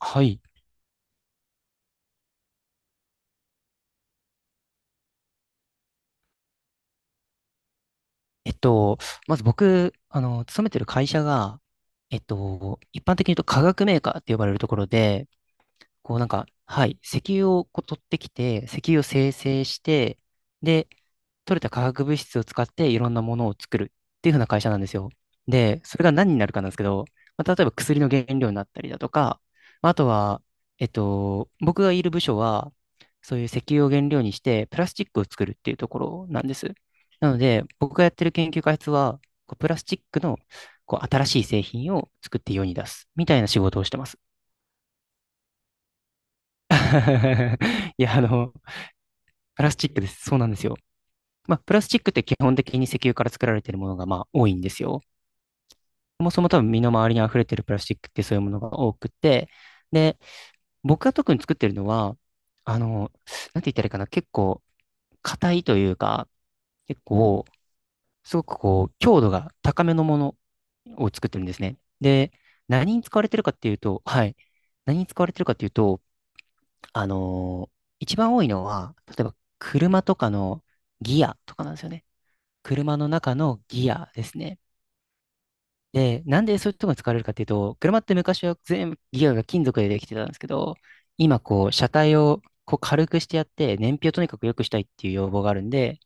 はい。えっと、まず僕、勤めてる会社が、一般的に言うと化学メーカーって呼ばれるところで、こうなんか、はい、石油をこう取ってきて、石油を精製して、で、取れた化学物質を使っていろんなものを作るっていう風な会社なんですよ。で、それが何になるかなんですけど、まあ、例えば薬の原料になったりだとか、まああとは、僕がいる部署は、そういう石油を原料にしてプラスチックを作るっていうところなんです。なので、僕がやってる研究開発は、こうプラスチックのこう新しい製品を作って世に出すみたいな仕事をしてます。いや、プラスチックです。そうなんですよ。まあ、プラスチックって基本的に石油から作られているものがまあ多いんですよ。そもそも多分身の回りに溢れているプラスチックってそういうものが多くて、で、僕が特に作ってるのは、あの、なんて言ったらいいかな、結構硬いというか、結構、すごくこう、強度が高めのものを作ってるんですね。で、何に使われてるかっていうと、はい。何に使われてるかっていうと、あのー一番多いのは、例えば車とかのギアとかなんですよね。車の中のギアですね。で、なんでそういうところに使われるかっていうと、車って昔は全部ギアが金属でできてたんですけど、今こう、車体をこう軽くしてやって、燃費をとにかく良くしたいっていう要望があるんで、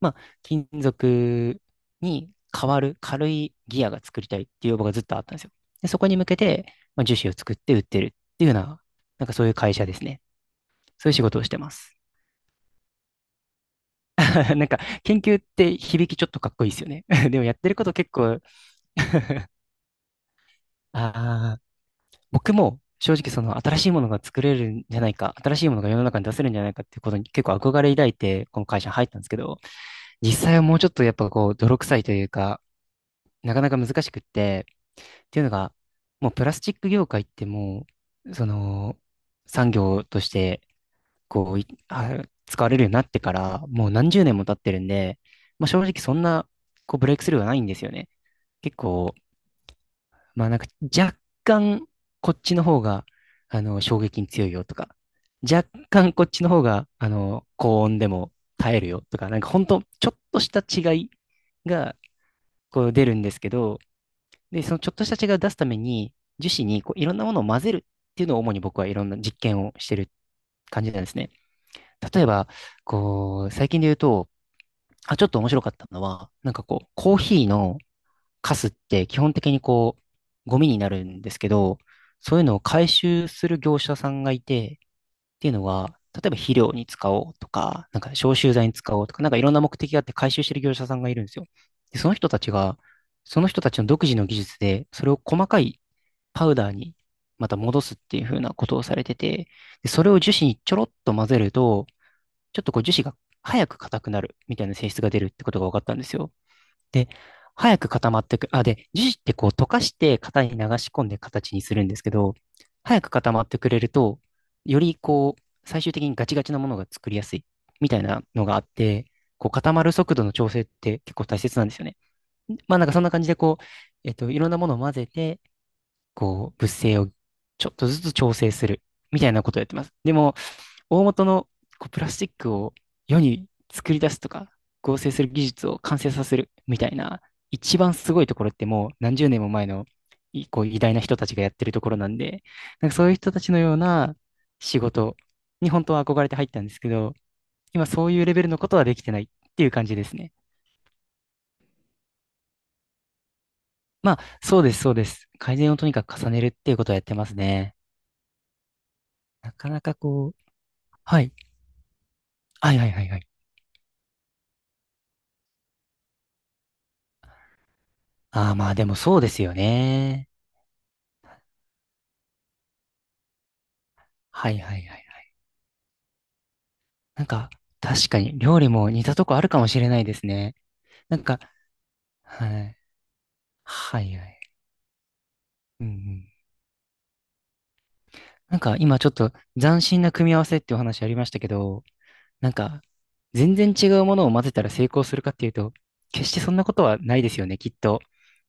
まあ、金属に変わる軽いギアが作りたいっていう要望がずっとあったんですよ。で、そこに向けて、まあ、樹脂を作って売ってるっていうような、なんかそういう会社ですね。そういう仕事をしてます。なんか、研究って響きちょっとかっこいいですよね。でもやってること結構、あ僕も正直その新しいものが作れるんじゃないか、新しいものが世の中に出せるんじゃないかっていうことに結構憧れ抱いて、この会社に入ったんですけど、実際はもうちょっとやっぱこう、泥臭いというか、なかなか難しくって、っていうのが、もうプラスチック業界ってもう、その、産業として、こうい、あ使われるようになってから、もう何十年も経ってるんで、まあ、正直そんな、こう、ブレイクスルーはないんですよね。結構、まあなんか若干こっちの方が、衝撃に強いよとか、若干こっちの方が、高温でも耐えるよとか、なんか本当ちょっとした違いがこう出るんですけど、で、そのちょっとした違いを出すために、樹脂にこういろんなものを混ぜるっていうのを主に僕はいろんな実験をしてる感じなんですね。例えば、こう、最近で言うと、あ、ちょっと面白かったのは、なんかこう、コーヒーのカスって基本的にこう、ゴミになるんですけど、そういうのを回収する業者さんがいて、っていうのは、例えば肥料に使おうとか、なんか消臭剤に使おうとか、なんかいろんな目的があって回収してる業者さんがいるんですよ。で、その人たちが、その人たちの独自の技術で、それを細かいパウダーにまた戻すっていう風なことをされてて、で、それを樹脂にちょろっと混ぜると、ちょっとこう樹脂が早く硬くなるみたいな性質が出るってことが分かったんですよ。で、早く固まってく。あ、で、樹脂ってこう溶かして型に流し込んで形にするんですけど、早く固まってくれると、よりこう、最終的にガチガチなものが作りやすいみたいなのがあって、こう固まる速度の調整って結構大切なんですよね。まあなんかそんな感じでこう、いろんなものを混ぜて、こう、物性をちょっとずつ調整するみたいなことをやってます。でも、大元のこうプラスチックを世に作り出すとか、合成する技術を完成させるみたいな、一番すごいところってもう何十年も前のいこう偉大な人たちがやってるところなんで、なんかそういう人たちのような仕事に本当は憧れて入ったんですけど、今そういうレベルのことはできてないっていう感じですね。まあ、そうです、そうです。改善をとにかく重ねるっていうことをやってますね。なかなかこう、はい。はいはいはいはい。ああ、まあでもそうですよね。はいはいはい。なんか、確かに料理も似たとこあるかもしれないですね。なんか、はい。はいはい。うんうん。なんか今ちょっと斬新な組み合わせってお話ありましたけど、なんか、全然違うものを混ぜたら成功するかっていうと、決してそんなことはないですよね、きっと。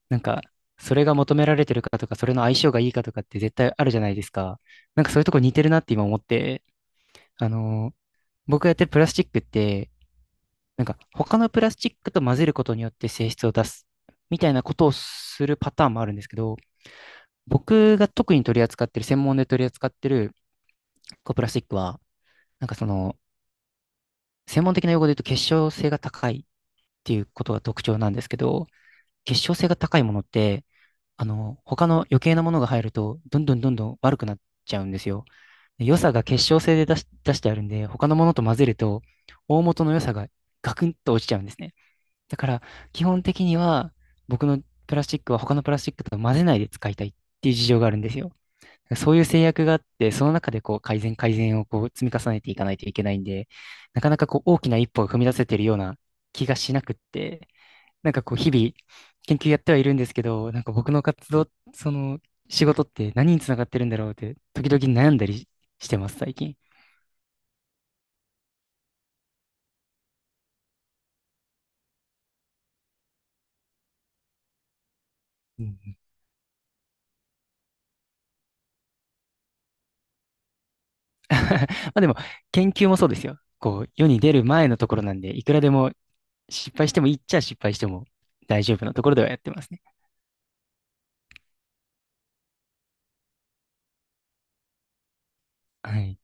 なんか、それが求められてるかとか、それの相性がいいかとかって絶対あるじゃないですか。なんかそういうとこ似てるなって今思って、あのー僕がやってるプラスチックって、なんか他のプラスチックと混ぜることによって性質を出すみたいなことをするパターンもあるんですけど、僕が特に取り扱ってる、専門で取り扱ってるこうプラスチックは、なんかその、専門的な用語で言うと結晶性が高いっていうことが特徴なんですけど、結晶性が高いものって、他の余計なものが入ると、どんどんどんどん悪くなっちゃうんですよ。で良さが結晶性で出してあるんで、他のものと混ぜると、大元の良さがガクンと落ちちゃうんですね。だから、基本的には、僕のプラスチックは他のプラスチックと混ぜないで使いたいっていう事情があるんですよ。そういう制約があって、その中でこう改善改善をこう積み重ねていかないといけないんで、なかなかこう大きな一歩を踏み出せてるような気がしなくって、なんかこう日々研究やってはいるんですけど、なんか僕の活動、その仕事って何につながってるんだろうって時々悩んだりしてます、最近。うん まあでも研究もそうですよ。こう世に出る前のところなんで、いくらでも失敗してもいいっちゃ失敗しても大丈夫なところではやってますね。はい。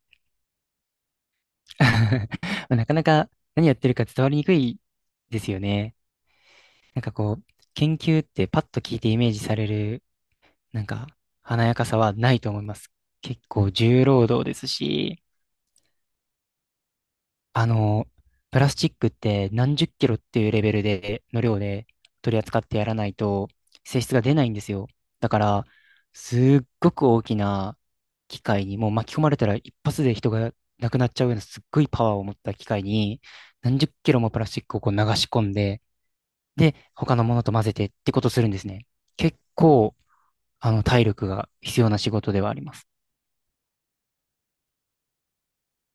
まあなかなか何やってるか伝わりにくいですよね。なんかこう、研究ってパッと聞いてイメージされる、なんか華やかさはないと思います。結構重労働ですし、あの、プラスチックって何十キロっていうレベルで、の量で取り扱ってやらないと性質が出ないんですよ。だから、すっごく大きな機械に、もう巻き込まれたら一発で人が亡くなっちゃうようなすっごいパワーを持った機械に、何十キロもプラスチックをこう流し込んで、で、他のものと混ぜてってことするんですね。結構、体力が必要な仕事ではあります。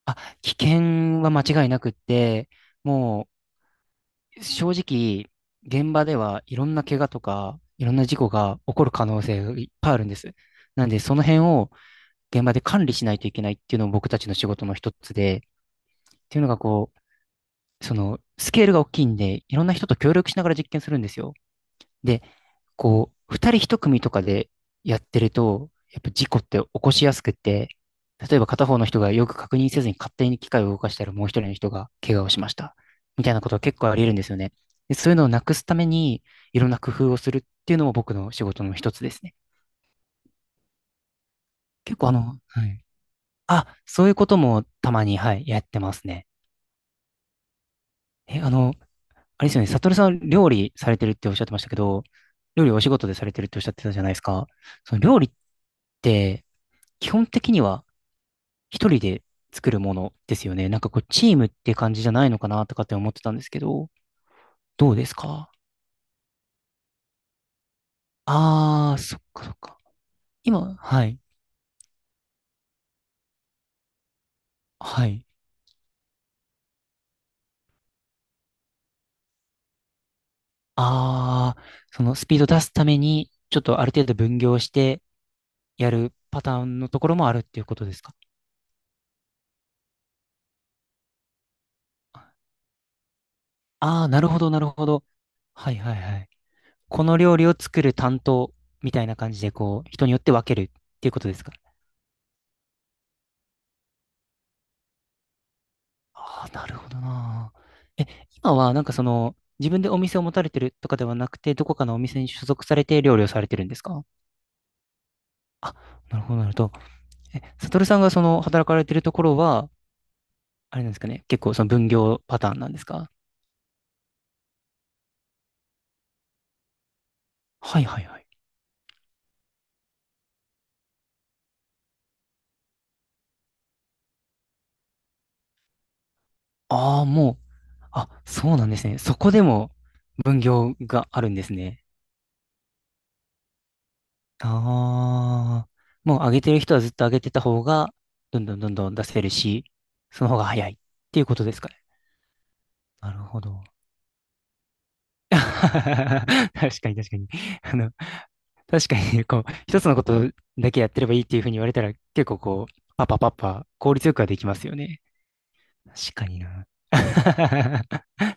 あ、危険は間違いなくって、もう、正直、現場ではいろんな怪我とか、いろんな事故が起こる可能性がいっぱいあるんです。なんで、その辺を現場で管理しないといけないっていうのも僕たちの仕事の一つで、っていうのがこう、その、スケールが大きいんで、いろんな人と協力しながら実験するんですよ。で、こう、二人一組とかでやってると、やっぱ事故って起こしやすくって、例えば片方の人がよく確認せずに勝手に機械を動かしたらもう一人の人が怪我をしました。みたいなことは結構あり得るんですよね。で、そういうのをなくすために、いろんな工夫をするっていうのも僕の仕事の一つですね。結構はい。あ、そういうこともたまに、はい、やってますね。え、あれですよね、サトルさん料理されてるっておっしゃってましたけど、料理お仕事でされてるっておっしゃってたじゃないですか。その料理って、基本的には一人で作るものですよね。なんかこう、チームって感じじゃないのかなとかって思ってたんですけど、どうですか？ああー、そっかそっか。今、はい、はい。ああ、そのスピード出すために、ちょっとある程度分業してやるパターンのところもあるっていうことですか？ああー、なるほど、なるほど。はいはいはい。この料理を作る担当みたいな感じで、こう、人によって分けるっていうことですか？ああ、なるほどな。え、今はなんかその、自分でお店を持たれてるとかではなくて、どこかのお店に所属されて料理をされてるんですか？あ、なるほど、なるほど。え、サトルさんがその、働かれてるところは、あれなんですかね、結構その分業パターンなんですか？はいはいはい。ああ、もう、あ、そうなんですね。そこでも分業があるんですね。ああ、もう上げてる人はずっと上げてた方が、どんどんどんどん出せるし、その方が早いっていうことですかね。なるほど。確かに確かに。あの、確かに、こう、一つのことだけやってればいいっていうふうに言われたら、結構こう、パパパパ、効率よくはできますよね。確かにな。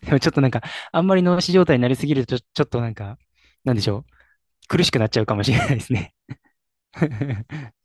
でもちょっとなんか、あんまり脳死状態になりすぎると、ちょっとなんか、なんでしょう。苦しくなっちゃうかもしれないですね。